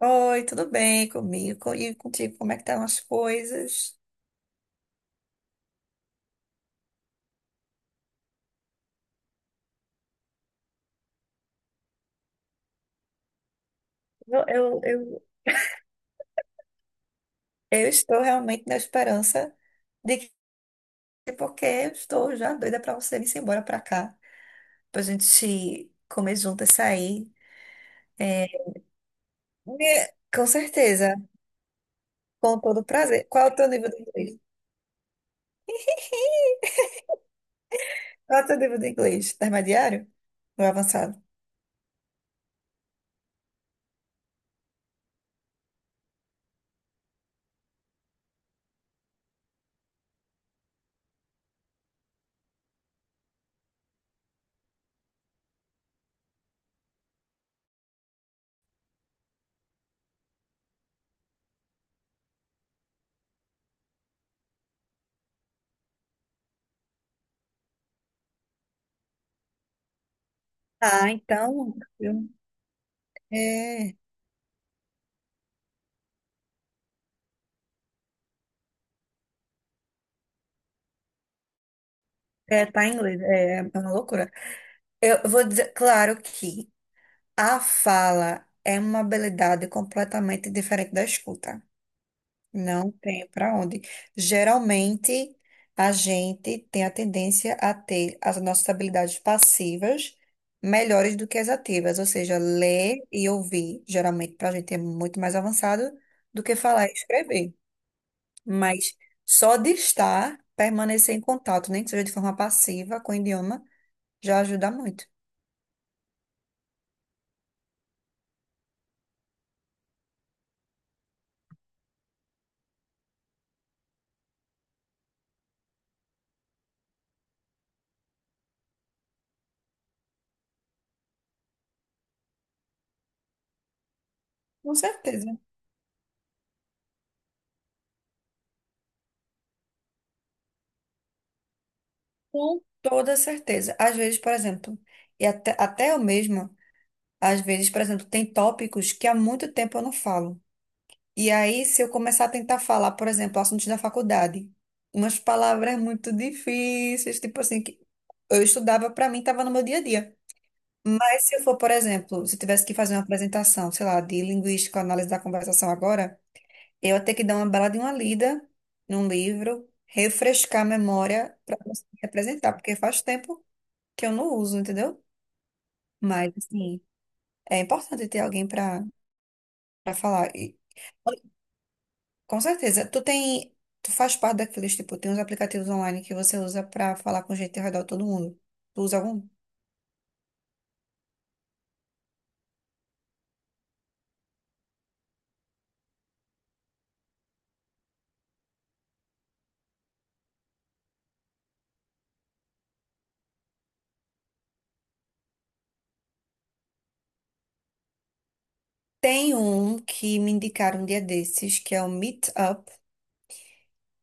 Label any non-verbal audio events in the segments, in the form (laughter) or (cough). Oi, tudo bem comigo, e contigo? Como é que estão as coisas? Eu, eu, eu, eu estou realmente na esperança de que, porque eu estou já doida para você vir embora para cá, para a gente comer juntas, sair. É, né? Com certeza, com todo prazer. Qual é o teu nível de inglês? (laughs) Qual é o teu nível de inglês? Intermediário ou avançado? Ah, então, é, é, tá em inglês, é uma loucura. Eu vou dizer, claro que a fala é uma habilidade completamente diferente da escuta. Não tem para onde. Geralmente, a gente tem a tendência a ter as nossas habilidades passivas melhores do que as ativas, ou seja, ler e ouvir, geralmente, para a gente é muito mais avançado do que falar e escrever. Mas só de estar, permanecer em contato, nem que seja de forma passiva com o idioma, já ajuda muito. Com certeza. Com toda certeza. Às vezes, por exemplo, e até eu mesma, às vezes, por exemplo, tem tópicos que há muito tempo eu não falo. E aí, se eu começar a tentar falar, por exemplo, assuntos da faculdade, umas palavras muito difíceis, tipo assim, que eu estudava, para mim, estava no meu dia a dia. Mas se eu for, por exemplo, se eu tivesse que fazer uma apresentação, sei lá, de linguística, análise da conversação agora, eu ia ter que dar uma bela de uma lida num livro, refrescar a memória para conseguir apresentar, porque faz tempo que eu não uso, entendeu? Mas, assim, é importante ter alguém pra falar. E, com certeza, tu faz parte daqueles, tipo, tem uns aplicativos online que você usa pra falar com gente ao redor de todo mundo. Tu usa algum? Tem um que me indicaram um dia desses, que é o Meetup,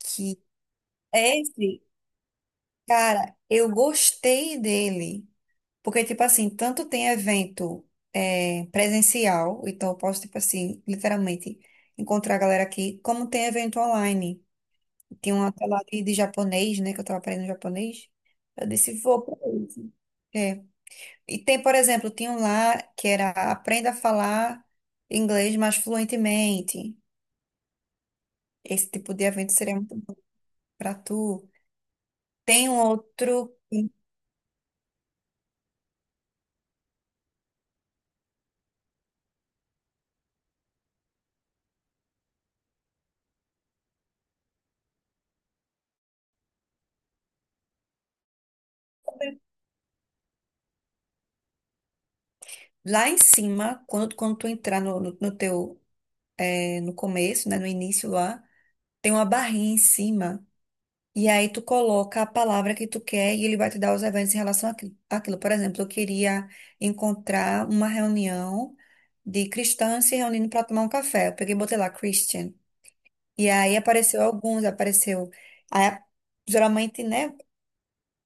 que é esse, cara, eu gostei dele. Porque, tipo assim, tanto tem evento presencial, então eu posso, tipo assim, literalmente encontrar a galera aqui, como tem evento online. Tinha uma tela ali de japonês, né? Que eu tava aprendendo japonês. Eu disse, vou pra isso. É. E tem, por exemplo, tinha um lá que era aprenda a falar inglês mais fluentemente. Esse tipo de evento seria muito bom pra tu. Tem um outro lá em cima, quando tu entrar no teu, no começo, né? No início lá, tem uma barrinha em cima. E aí tu coloca a palavra que tu quer e ele vai te dar os eventos em relação àquilo. Por exemplo, eu queria encontrar uma reunião de cristãs se reunindo para tomar um café. Eu peguei e botei lá Christian. E aí apareceu alguns, apareceu. Aí, geralmente, né?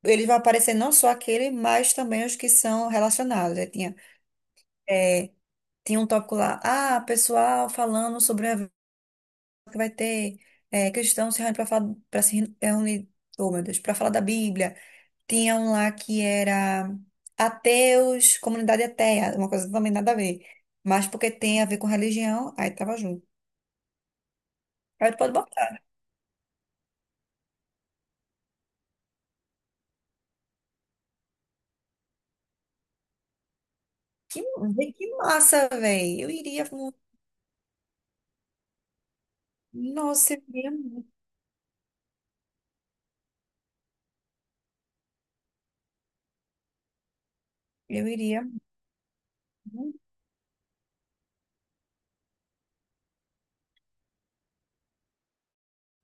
Eles vão aparecer não só aquele, mas também os que são relacionados. Aí tinha, é, tinha um tópico lá, ah, pessoal falando sobre o evento que vai ter, cristãos se reunindo para se reunir, oh meu Deus, para falar da Bíblia. Tinha um lá que era ateus, comunidade ateia, uma coisa também nada a ver. Mas porque tem a ver com religião, aí tava junto. Aí tu pode botar. Que, vê que massa, velho. Eu iria muito. Nossa, eu iria muito. Eu iria muito,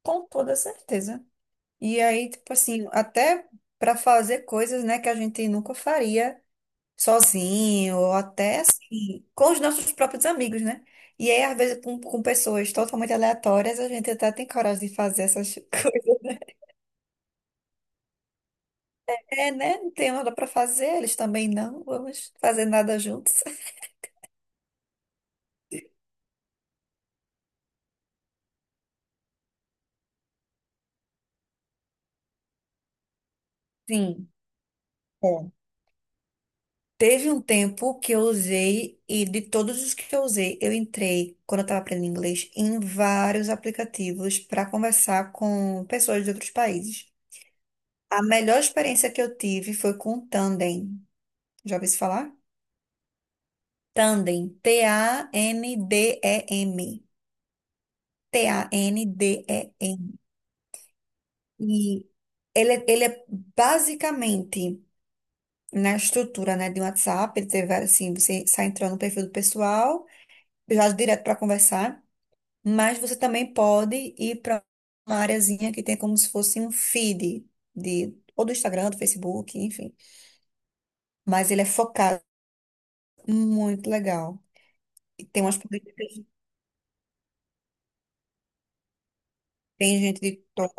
com toda certeza. E aí, tipo assim, até pra fazer coisas, né, que a gente nunca faria, sozinho, ou até assim, com os nossos próprios amigos, né? E aí, às vezes, com pessoas totalmente aleatórias, a gente até tem coragem de fazer essas (laughs) coisas, né? É, né? Não tem nada para fazer, eles também não, vamos fazer nada juntos. Sim. É. Teve um tempo que eu usei, e de todos os que eu usei, eu entrei, quando eu estava aprendendo inglês, em vários aplicativos para conversar com pessoas de outros países. A melhor experiência que eu tive foi com o Tandem. Já ouviu se falar? Tandem. Tandem. T-A-N-D-E-M. E M. Tandem. E ele é basicamente na estrutura, né, de um WhatsApp. Ele tem vários, assim, você sai entrando no perfil do pessoal, já direto para conversar. Mas você também pode ir para uma areazinha que tem como se fosse um feed de, ou do Instagram, do Facebook, enfim. Mas ele é focado, muito legal. E tem umas políticas, tem gente de todo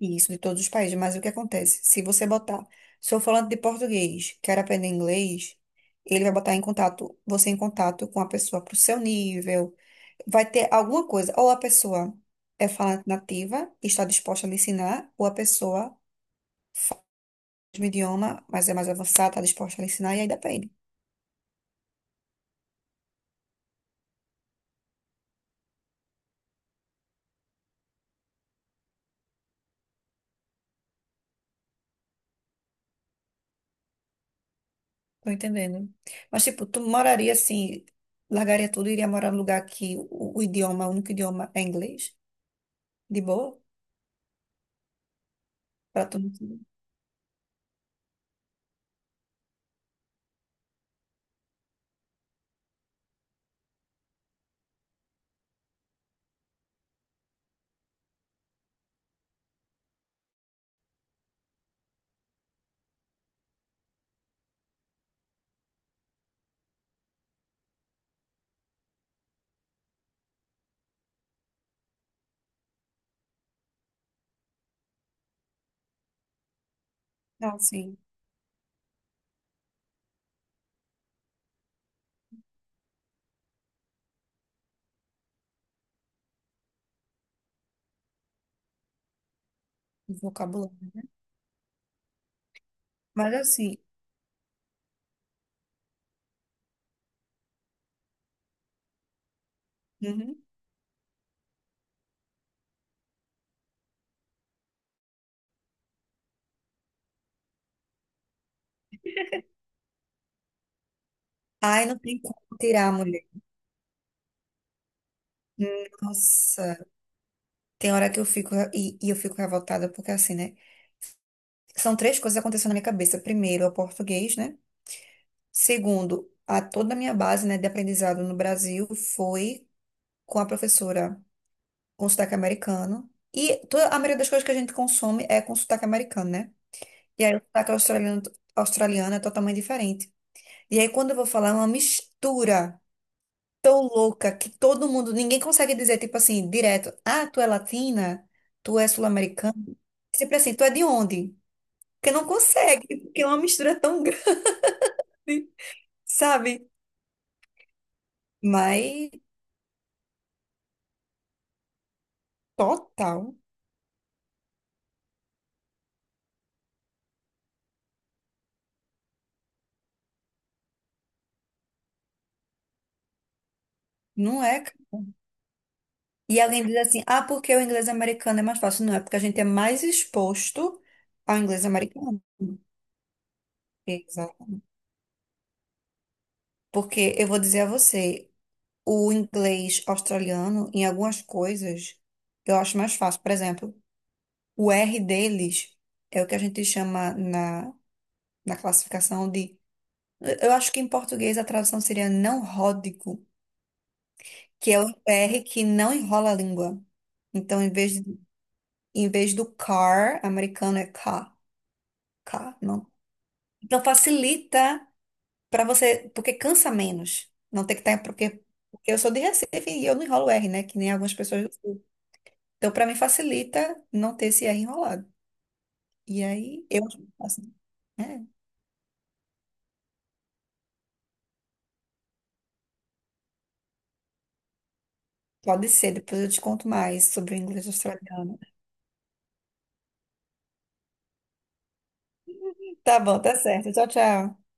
Isso, de todos os países. Mas o que acontece? Se você botar, sou falante de português, quero aprender inglês, ele vai botar em contato, você em contato com a pessoa pro seu nível. Vai ter alguma coisa. Ou a pessoa é falante nativa, está disposta a lhe ensinar, ou a pessoa fala o mesmo idioma, mas é mais avançada, está disposta a lhe ensinar, e aí depende. Tô entendendo. Mas, tipo, tu moraria assim, largaria tudo e iria morar num lugar que o idioma, o único idioma é inglês? De boa? Pra tu não, não, sim, vocabulário, né? Mas assim, uhum. Ai, não tem como tirar, mulher. Nossa, tem hora que eu fico e eu fico revoltada, porque assim, né? São três coisas acontecendo na minha cabeça. Primeiro, é o português, né? Segundo, a toda a minha base, né, de aprendizado no Brasil foi com a professora, com sotaque americano. E toda, a maioria das coisas que a gente consome é com sotaque americano, né? E aí o sotaque australiano, australiano é totalmente diferente. E aí quando eu vou falar, é uma mistura tão louca que todo mundo, ninguém consegue dizer, tipo assim, direto, ah, tu é latina? Tu é sul-americana? É sempre assim, tu é de onde? Porque não consegue, porque é uma mistura tão (laughs) grande, sabe? Mas total, não é. E alguém diz assim, ah, porque o inglês americano é mais fácil. Não, é porque a gente é mais exposto ao inglês americano. Exato. Porque eu vou dizer a você, o inglês australiano, em algumas coisas, eu acho mais fácil. Por exemplo, o R deles é o que a gente chama na, classificação de. Eu acho que em português a tradução seria não ródico, que é o R que não enrola a língua. Então, em vez do car, americano é car, car, não. Então facilita para você, porque cansa menos. Não tem que estar, porque eu sou de Recife e eu não enrolo R, né? Que nem algumas pessoas do Sul. Então, para mim, facilita não ter esse R enrolado. E aí, eu acho muito fácil. É, pode ser, depois eu te conto mais sobre o inglês australiano. Tá bom, tá certo. Tchau, tchau.